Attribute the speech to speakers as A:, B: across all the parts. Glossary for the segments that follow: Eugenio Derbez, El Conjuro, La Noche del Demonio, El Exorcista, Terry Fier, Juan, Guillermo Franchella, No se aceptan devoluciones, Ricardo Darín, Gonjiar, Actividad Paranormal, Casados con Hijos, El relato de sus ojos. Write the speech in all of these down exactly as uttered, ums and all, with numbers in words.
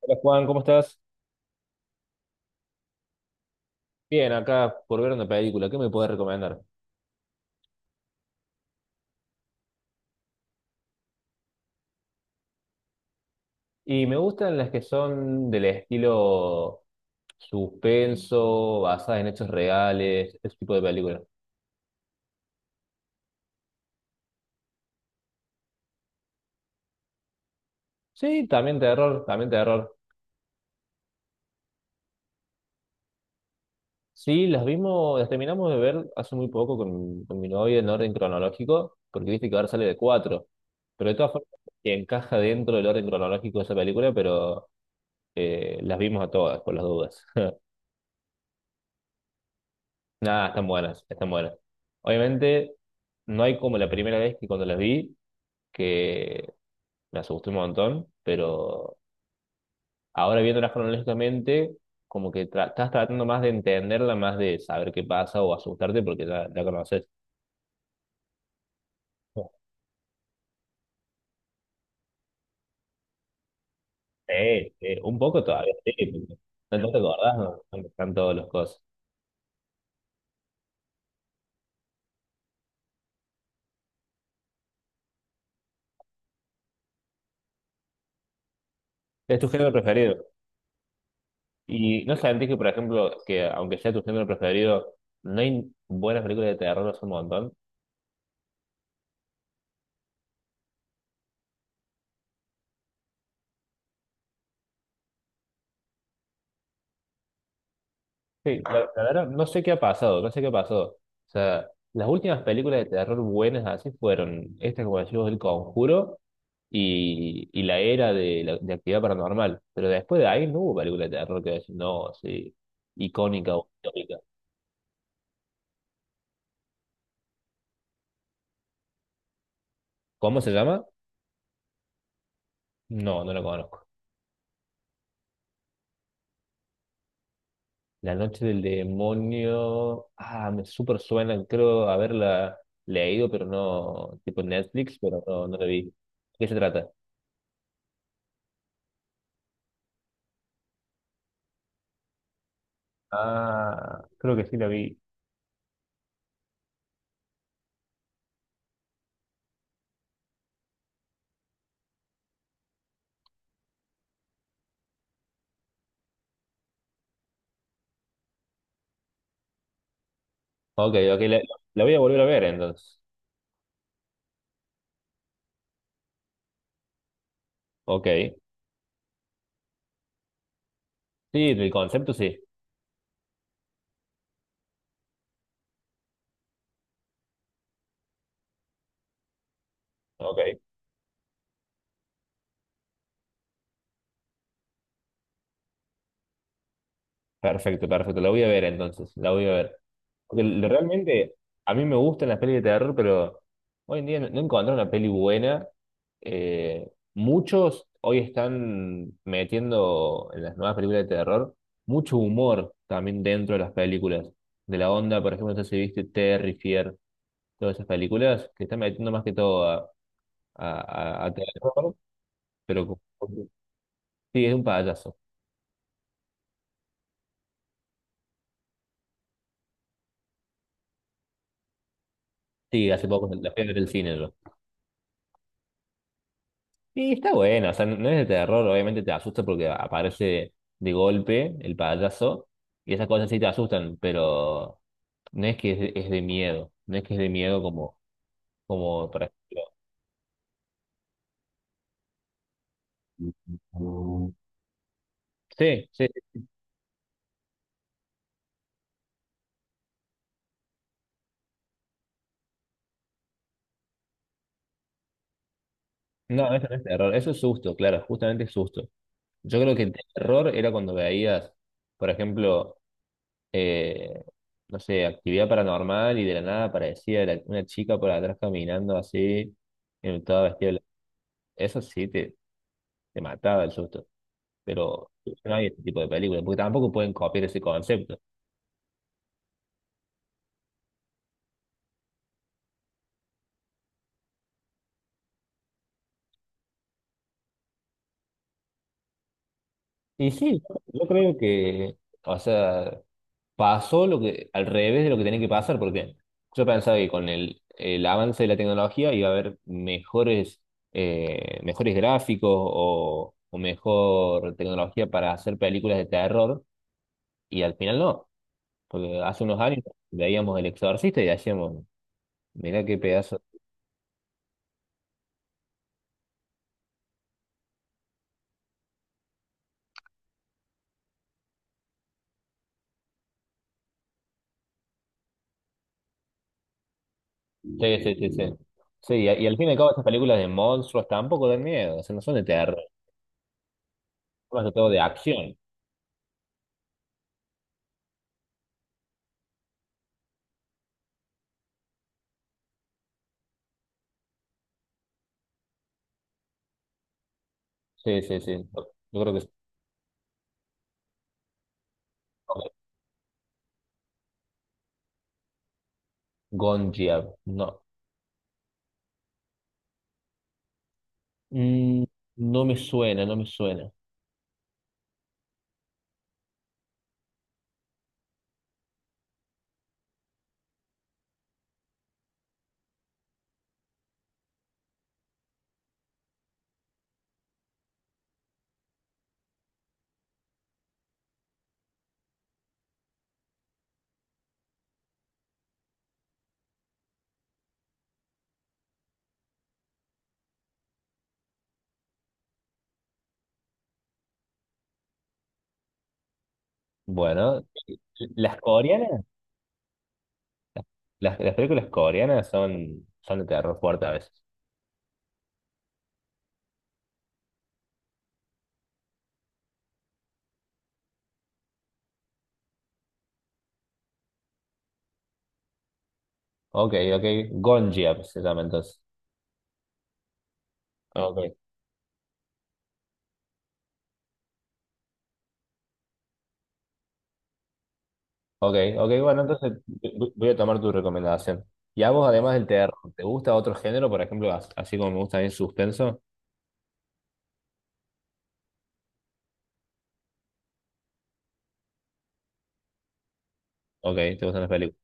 A: Hola Juan, ¿cómo estás? Bien, acá por ver una película, ¿qué me puedes recomendar? Y me gustan las que son del estilo suspenso, basadas en hechos reales, ese tipo de películas. Sí, también terror, también terror. Sí, las vimos, las terminamos de ver hace muy poco con, con mi novia en orden cronológico, porque viste que ahora sale de cuatro. Pero de todas formas, que encaja dentro del orden cronológico de esa película, pero eh, las vimos a todas, por las dudas. Nada, están buenas, están buenas. Obviamente, no hay como la primera vez que cuando las vi, que me asusté un montón, pero ahora viéndolas cronológicamente, como que tra- estás tratando más de entenderla, más de saber qué pasa o asustarte porque ya la conoces. Sí, sí, un poco todavía, sí, porque no te acordás, no, no están todos los cosas. Es tu género preferido. Y no sentís que, por ejemplo, que aunque sea tu género preferido, no hay buenas películas de terror hace un montón. Sí, la, la verdad, no sé qué ha pasado, no sé qué ha pasado. O sea, las últimas películas de terror buenas así fueron esta, como decimos, El Conjuro y, y la era de, la, de actividad paranormal. Pero después de ahí no hubo película de terror que decir, no, sí, icónica o histórica. ¿Cómo se llama? No, no la conozco. La Noche del Demonio. Ah, me súper suena, creo haberla leído, pero no, tipo Netflix, pero no, no la vi. ¿De ¿qué se trata? Ah, creo que sí la vi. Ok, ok, le la voy a volver a ver entonces. Ok. Sí, el concepto sí. Ok. Perfecto, perfecto. La voy a ver entonces. La voy a ver. Porque l- realmente a mí me gustan las pelis de terror, pero hoy en día no, no encontré una peli buena. Eh, muchos hoy están metiendo en las nuevas películas de terror mucho humor también dentro de las películas. De la onda, por ejemplo, no sé si viste Terry Fier, todas esas películas que están metiendo más que todo a, a, a- a terror, pero con sí, es un payaso. Sí, hace poco la fui a ver el cine yo. Y está bueno, o sea, no no es de terror, obviamente te asusta porque aparece de golpe el payaso y esas cosas sí te asustan, pero no es que es de, es de miedo, no es que es de miedo como, como por ejemplo. Sí, sí, no, eso no es terror, eso es susto, claro, justamente es susto. Yo creo que terror era cuando veías, por ejemplo, eh, no sé, actividad paranormal y de la nada aparecía la- una chica por atrás caminando así, eh, toda vestida. De blan- eso sí te, te mataba el susto, pero no hay ese tipo de películas, porque tampoco pueden copiar ese concepto. Y sí, yo creo que, o sea, pasó lo que, al revés de lo que tenía que pasar, porque yo pensaba que con el, el avance de la tecnología iba a haber mejores, eh, mejores gráficos o, o mejor tecnología para hacer películas de terror, y al final no, porque hace unos años veíamos El Exorcista y decíamos, mirá qué pedazo. Sí, sí, sí, sí. Sí, y, y al fin y al cabo estas películas de monstruos tampoco dan miedo, o sea, no son de terror, son más de todo de acción. Sí, sí, sí. Yo creo que es Gonjiar, no. Mm, no me suena, no me suena. Bueno, las coreanas, las, las películas coreanas son, son de terror fuerte a veces. Ok, ok, Gonjiar se llama entonces. Ok. Ok, ok, bueno, entonces v- voy a tomar tu recomendación. ¿Y a vos, además del terror, te gusta otro género? Por ejemplo, as- así como me gusta a el suspenso. Ok, te gustan las películas.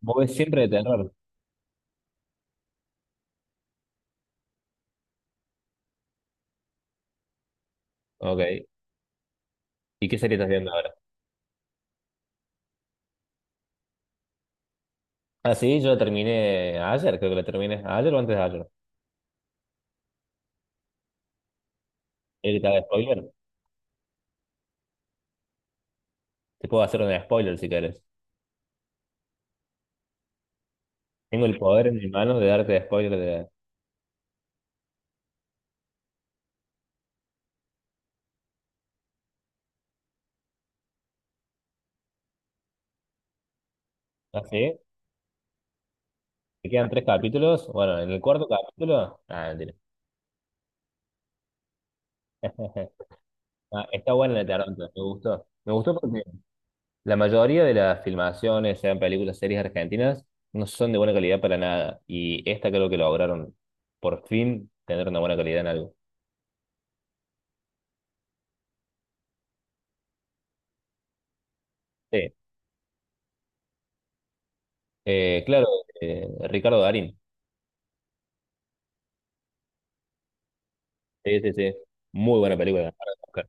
A: ¿Vos ves siempre de terror? Ok. ¿Y qué serie estás viendo ahora? Ah, sí, yo la terminé ayer, creo que la terminé ayer o antes de ayer. ¿Querés que te haga spoiler? Te puedo hacer un spoiler si querés. Tengo el poder en mi mano de darte spoiler de... Ah, sí. Te quedan tres capítulos. Bueno, en el cuarto capítulo... Ah, mentira. Ah, está buena la de terror, me gustó. Me gustó porque la mayoría de las filmaciones, sean películas, series argentinas, no son de buena calidad para nada. Y esta creo que lograron por fin tener una buena calidad en algo. Sí, eh, claro, eh, Ricardo Darín. Sí, sí, sí. Muy buena película. Para buscar.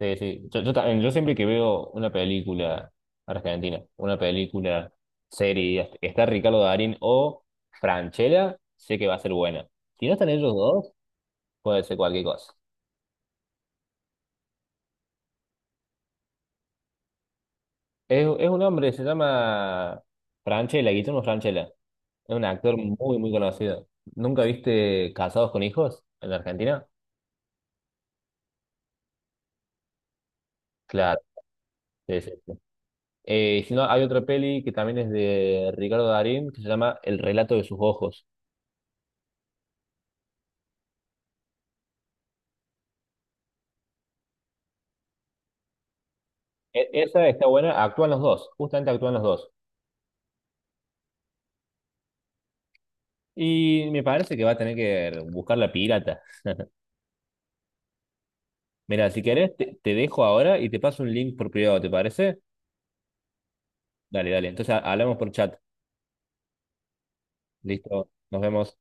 A: Sí, sí. Yo, yo también- yo siempre que veo una película argentina, una película, serie, está Ricardo Darín o Franchella, sé que va a ser buena. Si no están ellos dos, puede ser cualquier cosa. Es, es un hombre, se llama Franchella, Guillermo Franchella. Es un actor muy, muy conocido. ¿Nunca viste Casados con Hijos en la Argentina? Claro, sí, sí, sí. Eh, si no, hay otra peli que también es de Ricardo Darín que se llama El relato de sus ojos. E- esa está buena, actúan los dos, justamente actúan los dos. Y me parece que va a tener que buscar la pirata. Mira, si querés, te, te dejo ahora y te paso un link por privado, ¿te parece? Dale, dale. Entonces ha- hablamos por chat. Listo, nos vemos.